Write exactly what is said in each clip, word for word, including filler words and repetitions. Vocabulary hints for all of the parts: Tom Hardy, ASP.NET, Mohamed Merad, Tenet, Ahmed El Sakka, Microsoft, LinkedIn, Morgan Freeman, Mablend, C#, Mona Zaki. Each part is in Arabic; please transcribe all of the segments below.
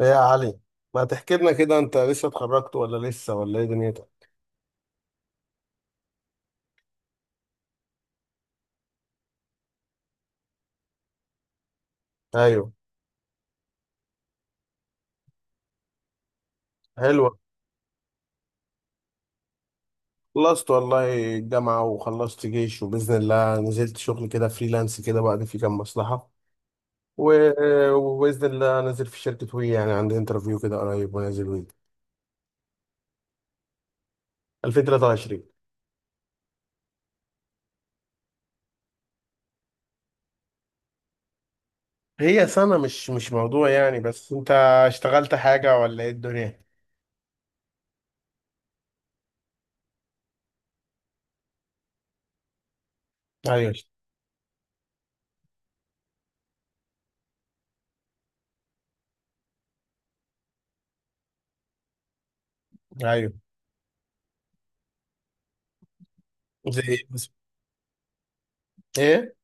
ايه يا علي، ما تحكي لنا كده؟ انت لسه اتخرجت ولا لسه ولا ايه دنيتك؟ ايوه. حلوة. خلصت والله الجامعة، وخلصت جيش، وبإذن الله نزلت شغل كده فريلانس كده بعد في كام مصلحة. و- وبإذن الله نازل في شركة وي، يعني عندي انترفيو كده قريب، ونازل وي ألفين وثلاثة وعشرين. هي سنة، مش مش موضوع يعني. بس انت اشتغلت حاجة ولا ايه الدنيا؟ ايوه، ايوه. زي ايه بس- إيه؟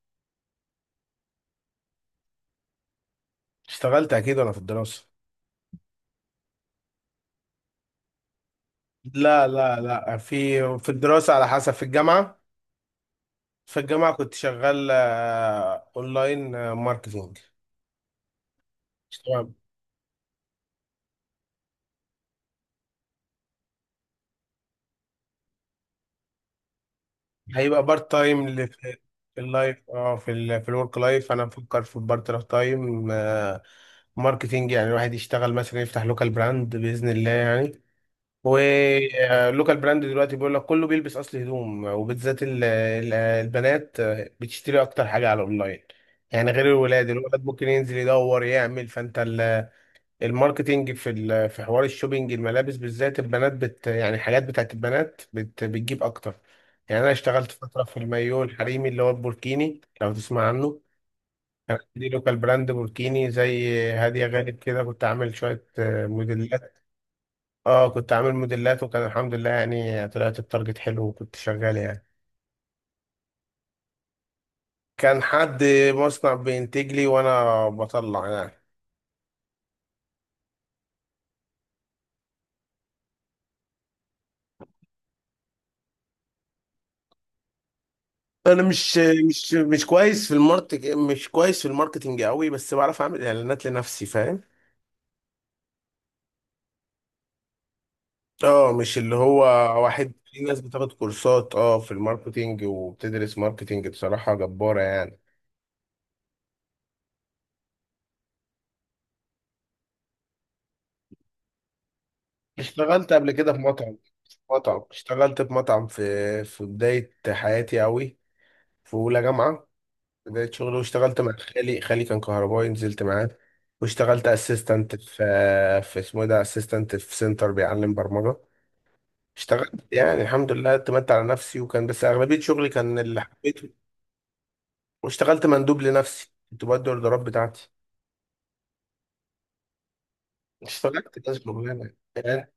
اشتغلت اكيد وانا في الدراسة. لا لا لا، في، في الدراسة على حسب. في الجامعة، في الجامعة كنت شغال آه، اونلاين، آه، ماركتينج. تمام. هيبقى بارت تايم ل- في اللايف، اه في ال في الورك لايف انا بفكر في بارت تايم آه، ماركتينج. يعني الواحد يشتغل مثلا، يفتح لوكال براند بإذن الله يعني. واللوكال براند دلوقتي بيقول لك كله بيلبس اصل هدوم، وبالذات ال- ال- البنات آه، بتشتري اكتر حاجة على الاونلاين. يعني غير الولاد، الولد ممكن ينزل يدور يعمل. فانت الماركتينج في ال- في حوار الشوبينج، الملابس بالذات البنات بت، يعني الحاجات بتاعت البنات بت بتجيب اكتر. يعني انا اشتغلت فتره في المايو الحريمي اللي هو البوركيني، لو تسمع عنه. كان عندي لوكال براند بوركيني زي هاديه، غالب كده، كنت عامل شويه آه، موديلات. اه، كنت عامل موديلات، وكان الحمد لله يعني طلعت التارجت حلو، وكنت شغال يعني. كان حد مصنع بينتج لي وانا بطلع يعني. انا مش مش مش كويس في الماركت، مش كويس في الماركتنج قوي، بس بعرف اعمل اعلانات لنفسي، فاهم؟ اه، مش اللي هو. واحد، في ناس بتاخد كورسات اه في الماركتينج، وبتدرس ماركتينج بصراحة جبارة يعني. اشتغلت قبل كده في مطعم، في مطعم. اشتغلت في مطعم في في بداية حياتي قوي، في أولى جامعة، بداية شغلي. واشتغلت مع خالي، خالي كان كهربائي، نزلت معاه. واشتغلت اسيستنت في في اسمه إيه ده، اسيستنت في سنتر بيعلم برمجة. اشتغلت يعني الحمد لله، اعتمدت على نفسي، وكان بس اغلبيه شغلي كان اللي حبيته. واشتغلت مندوب لنفسي، كنت بدي الاوردرات بتاعتي. اشتغلت كذا شغلانه يعني.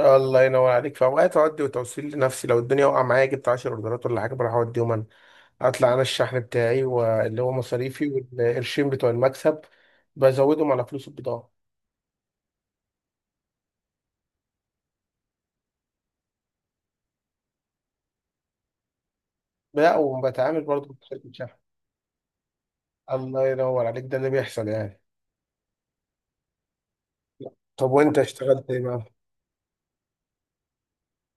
الله ينور عليك، في اوقات اودي وتوصيل لنفسي. لو الدنيا واقعه معايا، جبت عشرة اوردرات ولا حاجه، بروح اوديهم انا. اطلع انا الشحن بتاعي، واللي هو مصاريفي، والقرشين بتوع المكسب بزودهم على فلوس البضاعه. لا، وبتعامل برضه مع شركه شحن. الله ينور عليك، ده اللي بيحصل يعني. طب وانت اشتغلت ايه بقى؟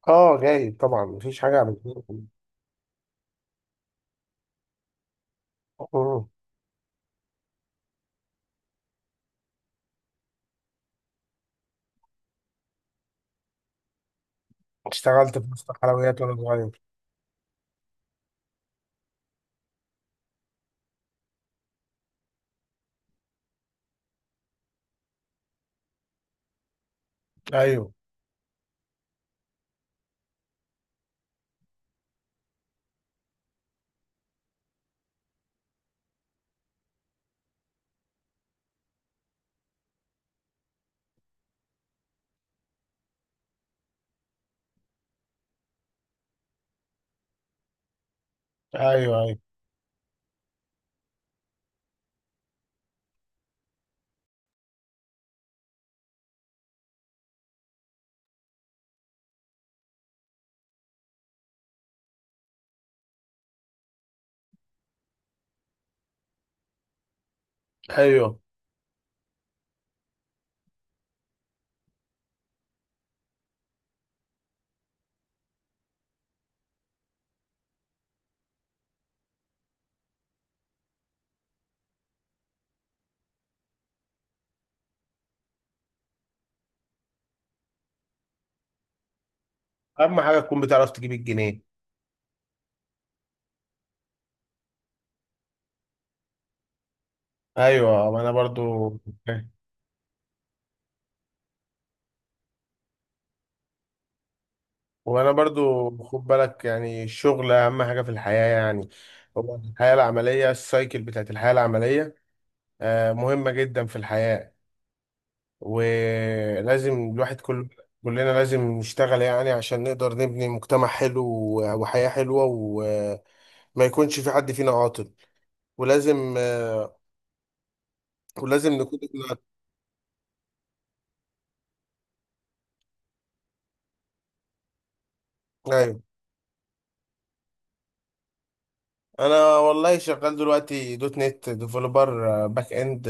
اه، جاي طبعا، مفيش حاجه عملتها. اشتغلت في مصنع حلويات وانا صغير. ايوه، ايوه، ايوه، ايوه. اهم حاجه تكون بتعرف تجيب الجنيه. ايوه، وانا برضو. وانا برضو، خد بالك يعني الشغل اهم حاجه في الحياه يعني. هو الحياه العمليه، السايكل بتاعت الحياه العمليه، آه، مهمه جدا في الحياه. ولازم الواحد، كل كلنا لازم نشتغل، يعني عشان نقدر نبني مجتمع حلو، وحياه حلوه، و ما يكونش في حد فينا عاطل. ولازم آه، ولازم نكون. ايوه، انا والله شغال دلوقتي دوت نت ديفلوبر باك اند،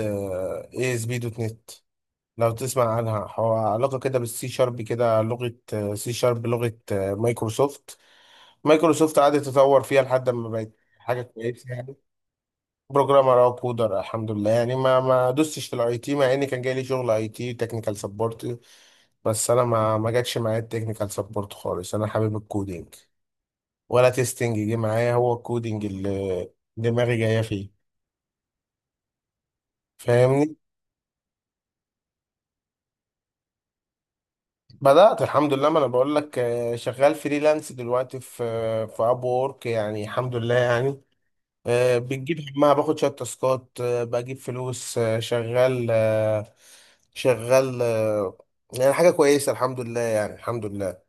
اي اس بي دوت نت، لو تسمع عنها. هو علاقه كده بالسي شارب كده، لغه. سي شارب لغه آه، مايكروسوفت. مايكروسوفت قعدت تطور فيها لحد ما بقت حاجه كويسه يعني. بروجرامر او كودر الحمد لله يعني. ما ما دوستش في الاي تي، مع ان كان جاي لي شغل اي تي تكنيكال سبورت، بس انا ما ما جاتش معايا التكنيكال سبورت خالص. انا حابب الكودينج، ولا تيستنج جه معايا، هو الكودينج اللي دماغي جايه فيه، فاهمني؟ بدأت الحمد لله، ما انا بقول لك آه، شغال فريلانس دلوقتي في آه، في اب وورك، يعني الحمد لله يعني. آه، بتجيب همها، باخد شويه تاسكات، آه، بجيب فلوس، آه، شغال، آه، شغال، آه، يعني حاجه كويسه الحمد لله يعني. الحمد لله،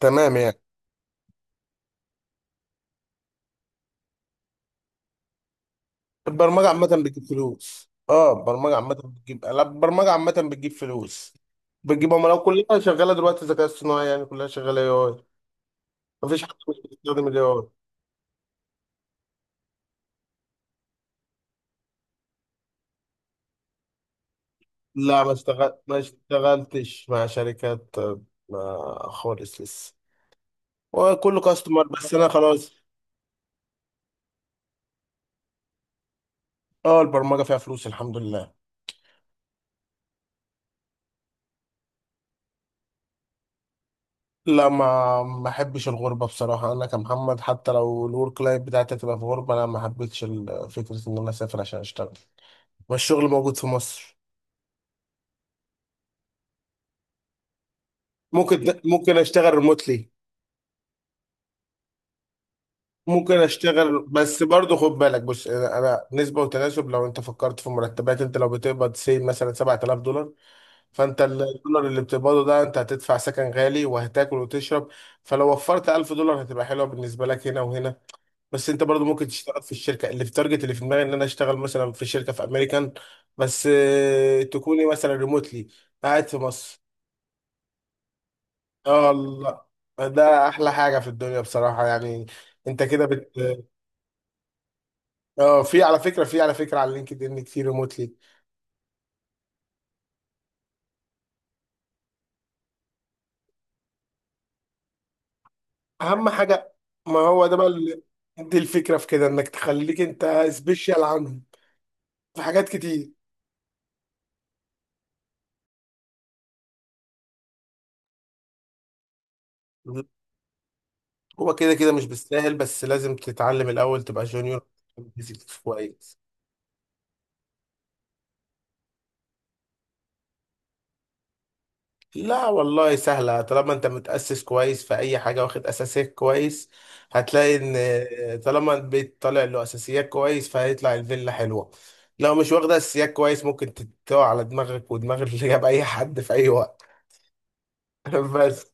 تمام يعني. البرمجة عامة بتجيب فلوس. اه البرمجة عامة بتجيب، لا، البرمجة عامة بتجيب فلوس، بتجيب عملاء. كلها شغالة دلوقتي ذكاء اصطناعي، يعني كلها شغالة اي اي. مفيش حد مش بيستخدم الاي اي. لا، ما اشتغل ما اشتغلتش مع شركات آه، ما، خالص لسه، وكله كاستمر، بس انا خلاص. اه البرمجة فيها فلوس الحمد لله. لا، ما ما احبش الغربة بصراحة. انا كمحمد، حتى لو الورك لايف بتاعتي هتبقى في غربة، انا ما حبيتش ال- فكرة ان انا اسافر عشان اشتغل، والشغل موجود في مصر. ممكن ممكن اشتغل ريموتلي. ممكن اشتغل، بس برضه خد بالك، بص، انا أنا نسبه وتناسب. لو انت فكرت في مرتبات، انت لو بتقبض سي مثلا سبعة آلاف دولار، فانت الدولار اللي بتقبضه ده، انت هتدفع سكن غالي، وهتاكل وتشرب. فلو وفرت ألف دولار هتبقى حلوه بالنسبه لك، هنا وهنا. بس انت برضه ممكن تشتغل في الشركه اللي في تارجت، اللي في دماغي ان انا اشتغل مثلا في شركه في امريكان، بس آه، تكوني مثلا ريموتلي، قاعد في مصر. اه، الله، ده احلى حاجه في الدنيا بصراحه يعني. انت كده بت. اه في على فكره، في على فكره على لينكد ان كتير ريموتلي. اهم حاجه، ما هو ده بقى ال- دي الفكره في كده، انك تخليك انت سبيشال عنهم في حاجات كتير. هو كده كده مش بالساهل، بس لازم تتعلم الاول، تبقى جونيور، بيزكس كويس. لا والله سهلة، طالما انت متأسس كويس في أي حاجة، واخد أساسيات كويس، هتلاقي إن، طالما البيت طالع له أساسيات كويس، فهيطلع الفيلا حلوة. لو مش واخدة أساسيات كويس، ممكن تتوه على دماغك ودماغ اللي جاب أي حد في أي وقت. بس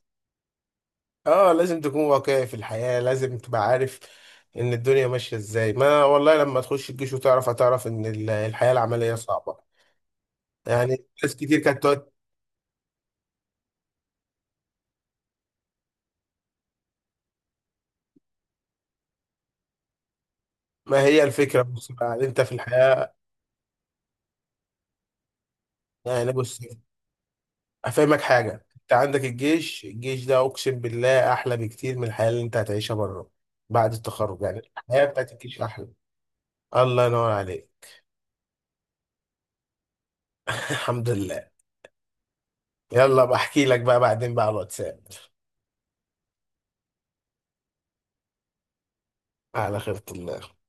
اه لازم تكون واقعي في الحياة، لازم تبقى عارف إن الدنيا ماشية إزاي. ما والله لما تخش الجيش وتعرف، هتعرف إن ال- الحياة العملية صعبة، يعني ناس كتير كانت تقعد. ما هي الفكرة، بص بقى، انت في الحياة، يعني بص، هفهمك حاجة. انت عندك الجيش، الجيش ده اقسم بالله احلى بكتير من الحياة اللي انت هتعيشها بره بعد التخرج يعني. الحياة بتاعت الجيش احلى، الله ينور عليك. الحمد لله. يلا بحكي لك بقى بعدين بقى على الواتساب. على خيرة الله.